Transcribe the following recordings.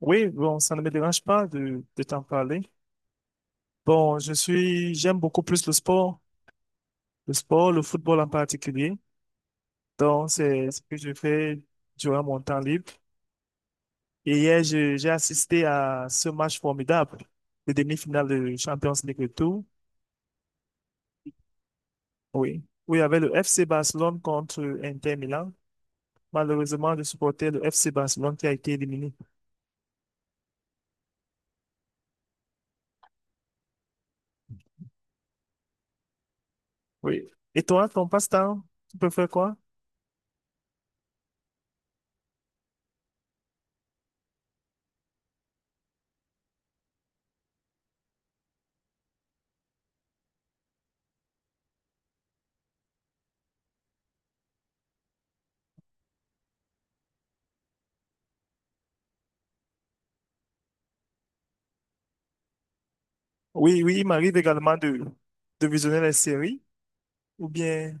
Oui, bon, ça ne me dérange pas de t'en parler. Bon, j'aime beaucoup plus le sport, le sport, le football en particulier. Donc, c'est ce que je fais durant mon temps libre. Et hier, j'ai assisté à ce match formidable, le demi-finale de Champions League Retour. Oui, oui il y avait le FC Barcelone contre Inter Milan. Malheureusement, je supportais le FC Barcelone qui a été éliminé. Oui. Et toi, ton passe-temps, tu peux faire quoi? Oui, oui, il m'arrive également de visionner les séries, ou bien,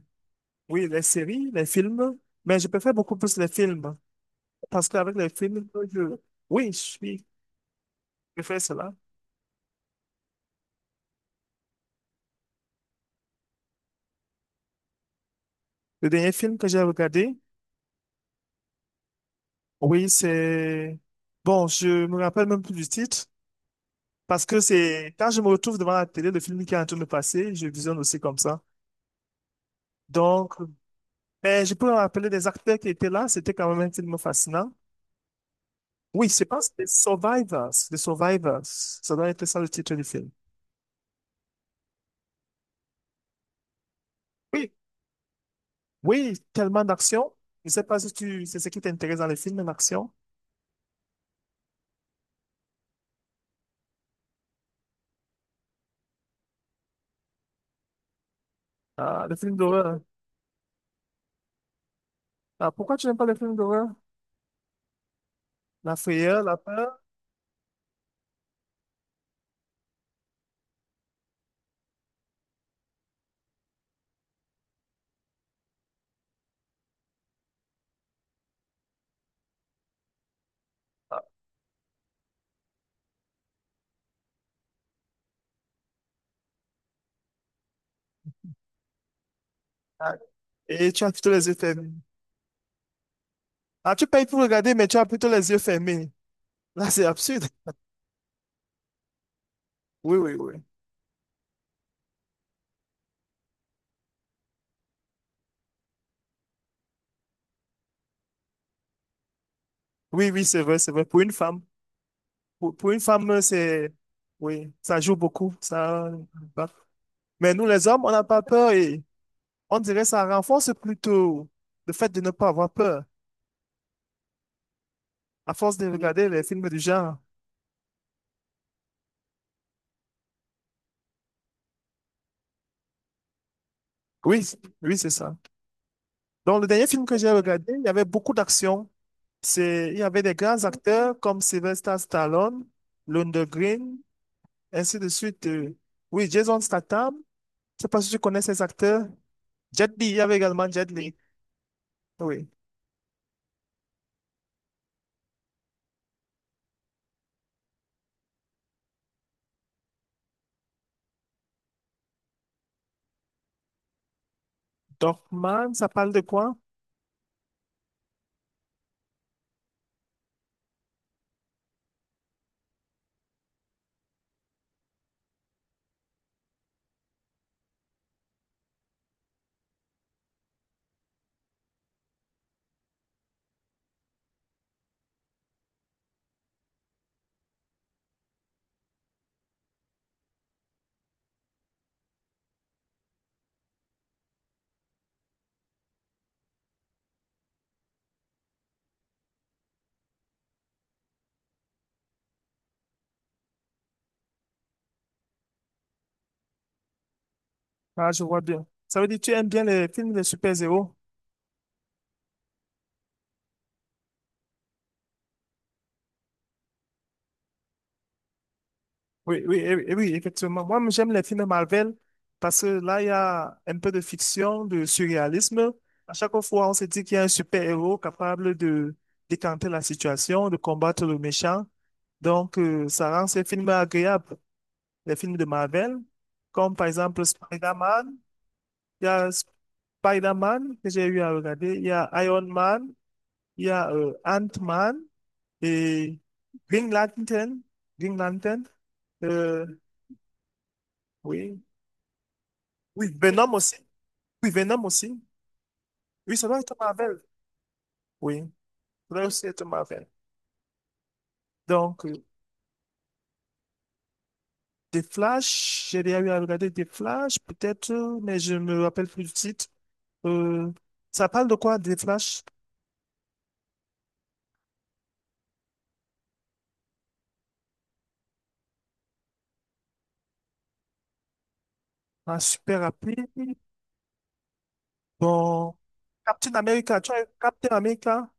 oui, les séries, les films, mais je préfère beaucoup plus les films, parce qu'avec les films, je, oui, je préfère cela. Le dernier film que j'ai regardé, oui, bon, je me rappelle même plus du titre, parce que c'est, quand je me retrouve devant la télé, le film qui est en train de passer, je visionne aussi comme ça. Donc, mais je peux me rappeler des acteurs qui étaient là, c'était quand même un film fascinant. Oui, je pense que c'est Survivors. The Survivors. Ça doit être ça le titre du film. Oui, oui, tellement d'action. Je ne sais pas si tu, c'est ce qui t'intéresse dans les films d'action. Ah, les films d'horreur. Ah, pourquoi tu n'aimes pas les films d'horreur? La frayeur, la peur. Ah, ah, et tu as plutôt les yeux fermés. Ah, tu payes pour regarder, mais tu as plutôt les yeux fermés. Là, c'est absurde. Oui, oui, oui. Oui, oui, c'est vrai, c'est vrai. Pour une femme, pour une femme, c'est, oui, ça joue beaucoup. Ça, bah, mais nous, les hommes, on n'a pas peur et on dirait ça renforce plutôt le fait de ne pas avoir peur, à force de regarder les films du genre. Oui, oui, c'est ça. Donc, le dernier film que j'ai regardé, il y avait beaucoup d'action. C'est, il y avait des grands acteurs comme Sylvester Stallone, London Green, ainsi de suite. Oui, Jason Statham. Je sais pas si tu connais ces acteurs. Jet Li, il y avait également Jet Li. Oui. Dorfman, ça parle de quoi? Ah, je vois bien. Ça veut dire que tu aimes bien les films de super-héros. Oui, oui, oui, eh oui, effectivement. Moi, j'aime les films de Marvel parce que là, il y a un peu de fiction, de surréalisme. À chaque fois, on se dit qu'il y a un super-héros capable de décanter la situation, de combattre le méchant. Donc, ça rend ces films agréables. Les films de Marvel, comme par exemple Spider-Man, il y a Spider-Man que j'ai eu à regarder, il y a Iron Man, il y a Ant-Man et Green Lantern. Green Lantern. Euh, oui, oui, Venom aussi. Oui, Venom aussi. Oui, ça doit être Marvel. Oui, ça doit aussi être Marvel. Donc, des Flash, j'ai déjà eu à regarder des Flash, peut-être, mais je me rappelle plus du titre. Euh, ça parle de quoi, des Flash? Ah, super rapide. Bon, Captain America, tu as Captain America?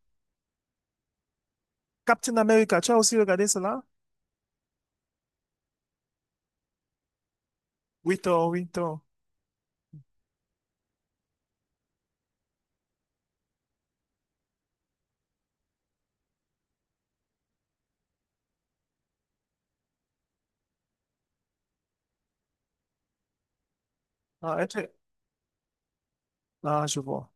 Captain America, tu as aussi regardé cela? Oui, toi, oui, toi. Ah, est-ce, ah, je vois.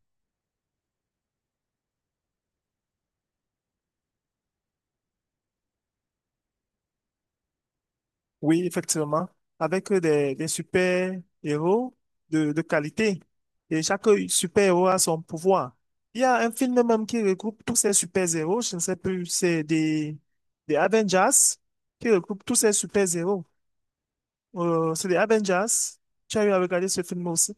Oui, effectivement. Avec des super-héros de qualité. Et chaque super-héros a son pouvoir. Il y a un film même qui regroupe tous ces super-héros. Je ne sais plus, des Avengers qui regroupe tous ces super-héros. C'est des Avengers. Tu as eu à regarder ce film aussi.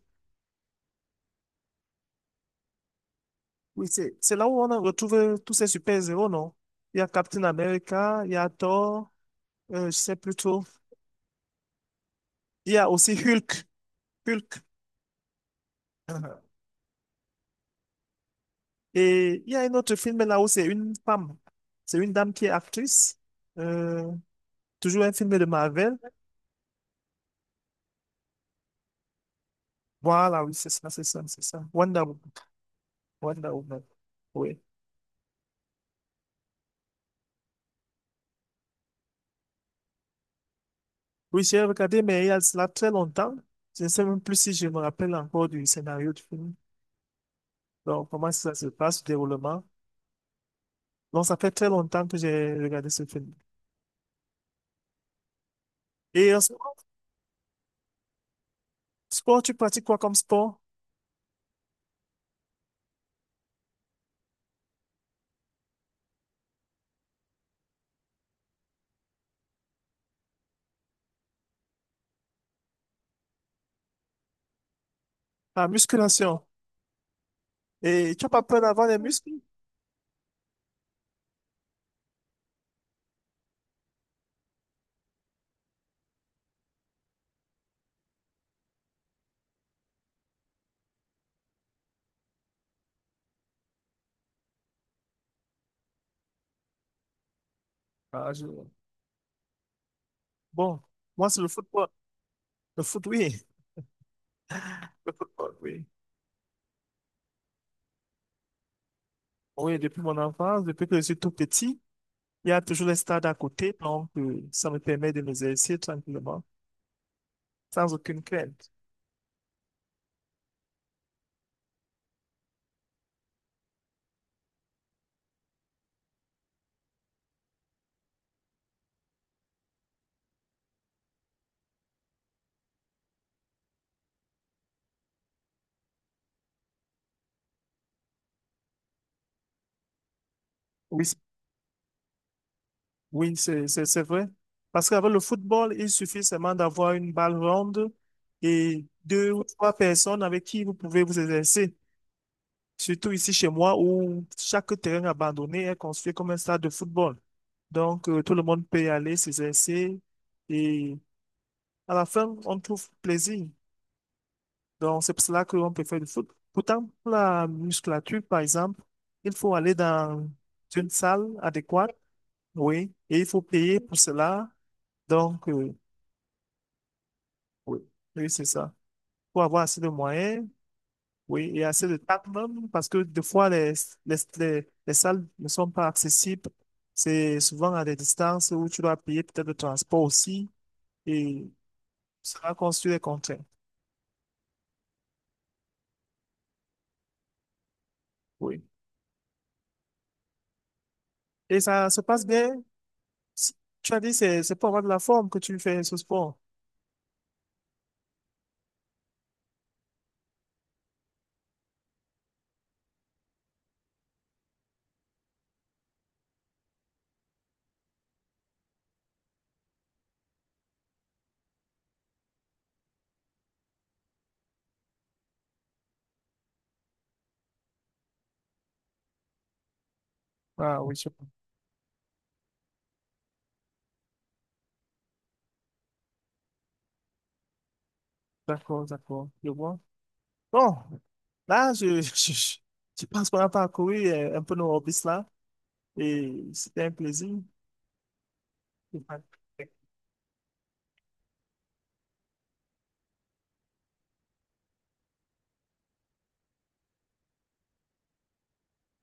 Oui, c'est là où on a retrouvé tous ces super-héros, non? Il y a Captain America, il y a Thor, je sais plus trop. Il y a aussi Hulk. Hulk. Et il y a un autre film là où c'est une femme, c'est une dame qui est actrice, euh, toujours un film de Marvel. Voilà, oui, c'est ça, c'est ça, c'est ça. Wonder Woman, Wonder Woman. Oui. Oui, j'ai regardé, mais il y a cela très longtemps. Je ne sais même plus si je me rappelle encore du scénario du film. Donc, comment ça se passe, le déroulement. Donc, ça fait très longtemps que j'ai regardé ce film. Et en sport, sport, tu pratiques quoi comme sport? La musculation. Et tu n'as pas peur d'avoir des muscles? Ah, je- Bon, moi, c'est le football. Le foot, oui. Le football, oui. Oui, depuis mon enfance, depuis que je suis tout petit, il y a toujours les stades à côté, donc ça me permet de m'exercer tranquillement, sans aucune crainte. Oui, oui, c'est vrai. Parce qu'avec le football, il suffit seulement d'avoir une balle ronde et deux ou trois personnes avec qui vous pouvez vous exercer. Surtout ici chez moi, où chaque terrain abandonné est construit comme un stade de football. Donc, tout le monde peut y aller s'exercer et à la fin, on trouve plaisir. Donc, c'est pour cela qu'on peut faire du foot. Pourtant, pour la musculature, par exemple, il faut aller dans une salle adéquate, oui, et il faut payer pour cela. Donc, oui, oui, c'est ça. Pour avoir assez de moyens, oui, et assez de temps même, parce que des fois, les salles ne sont pas accessibles. C'est souvent à des distances où tu dois payer peut-être le transport aussi, et ça construit des contraintes. Oui. Et ça se passe bien c- tu as dit c'est pour avoir de la forme que tu fais ce sport. Ah oui, je... D'accord, d'accord, je vois. Bon, là, je, je pense qu'on a parcouru un peu nos hobbies là et c'était un plaisir.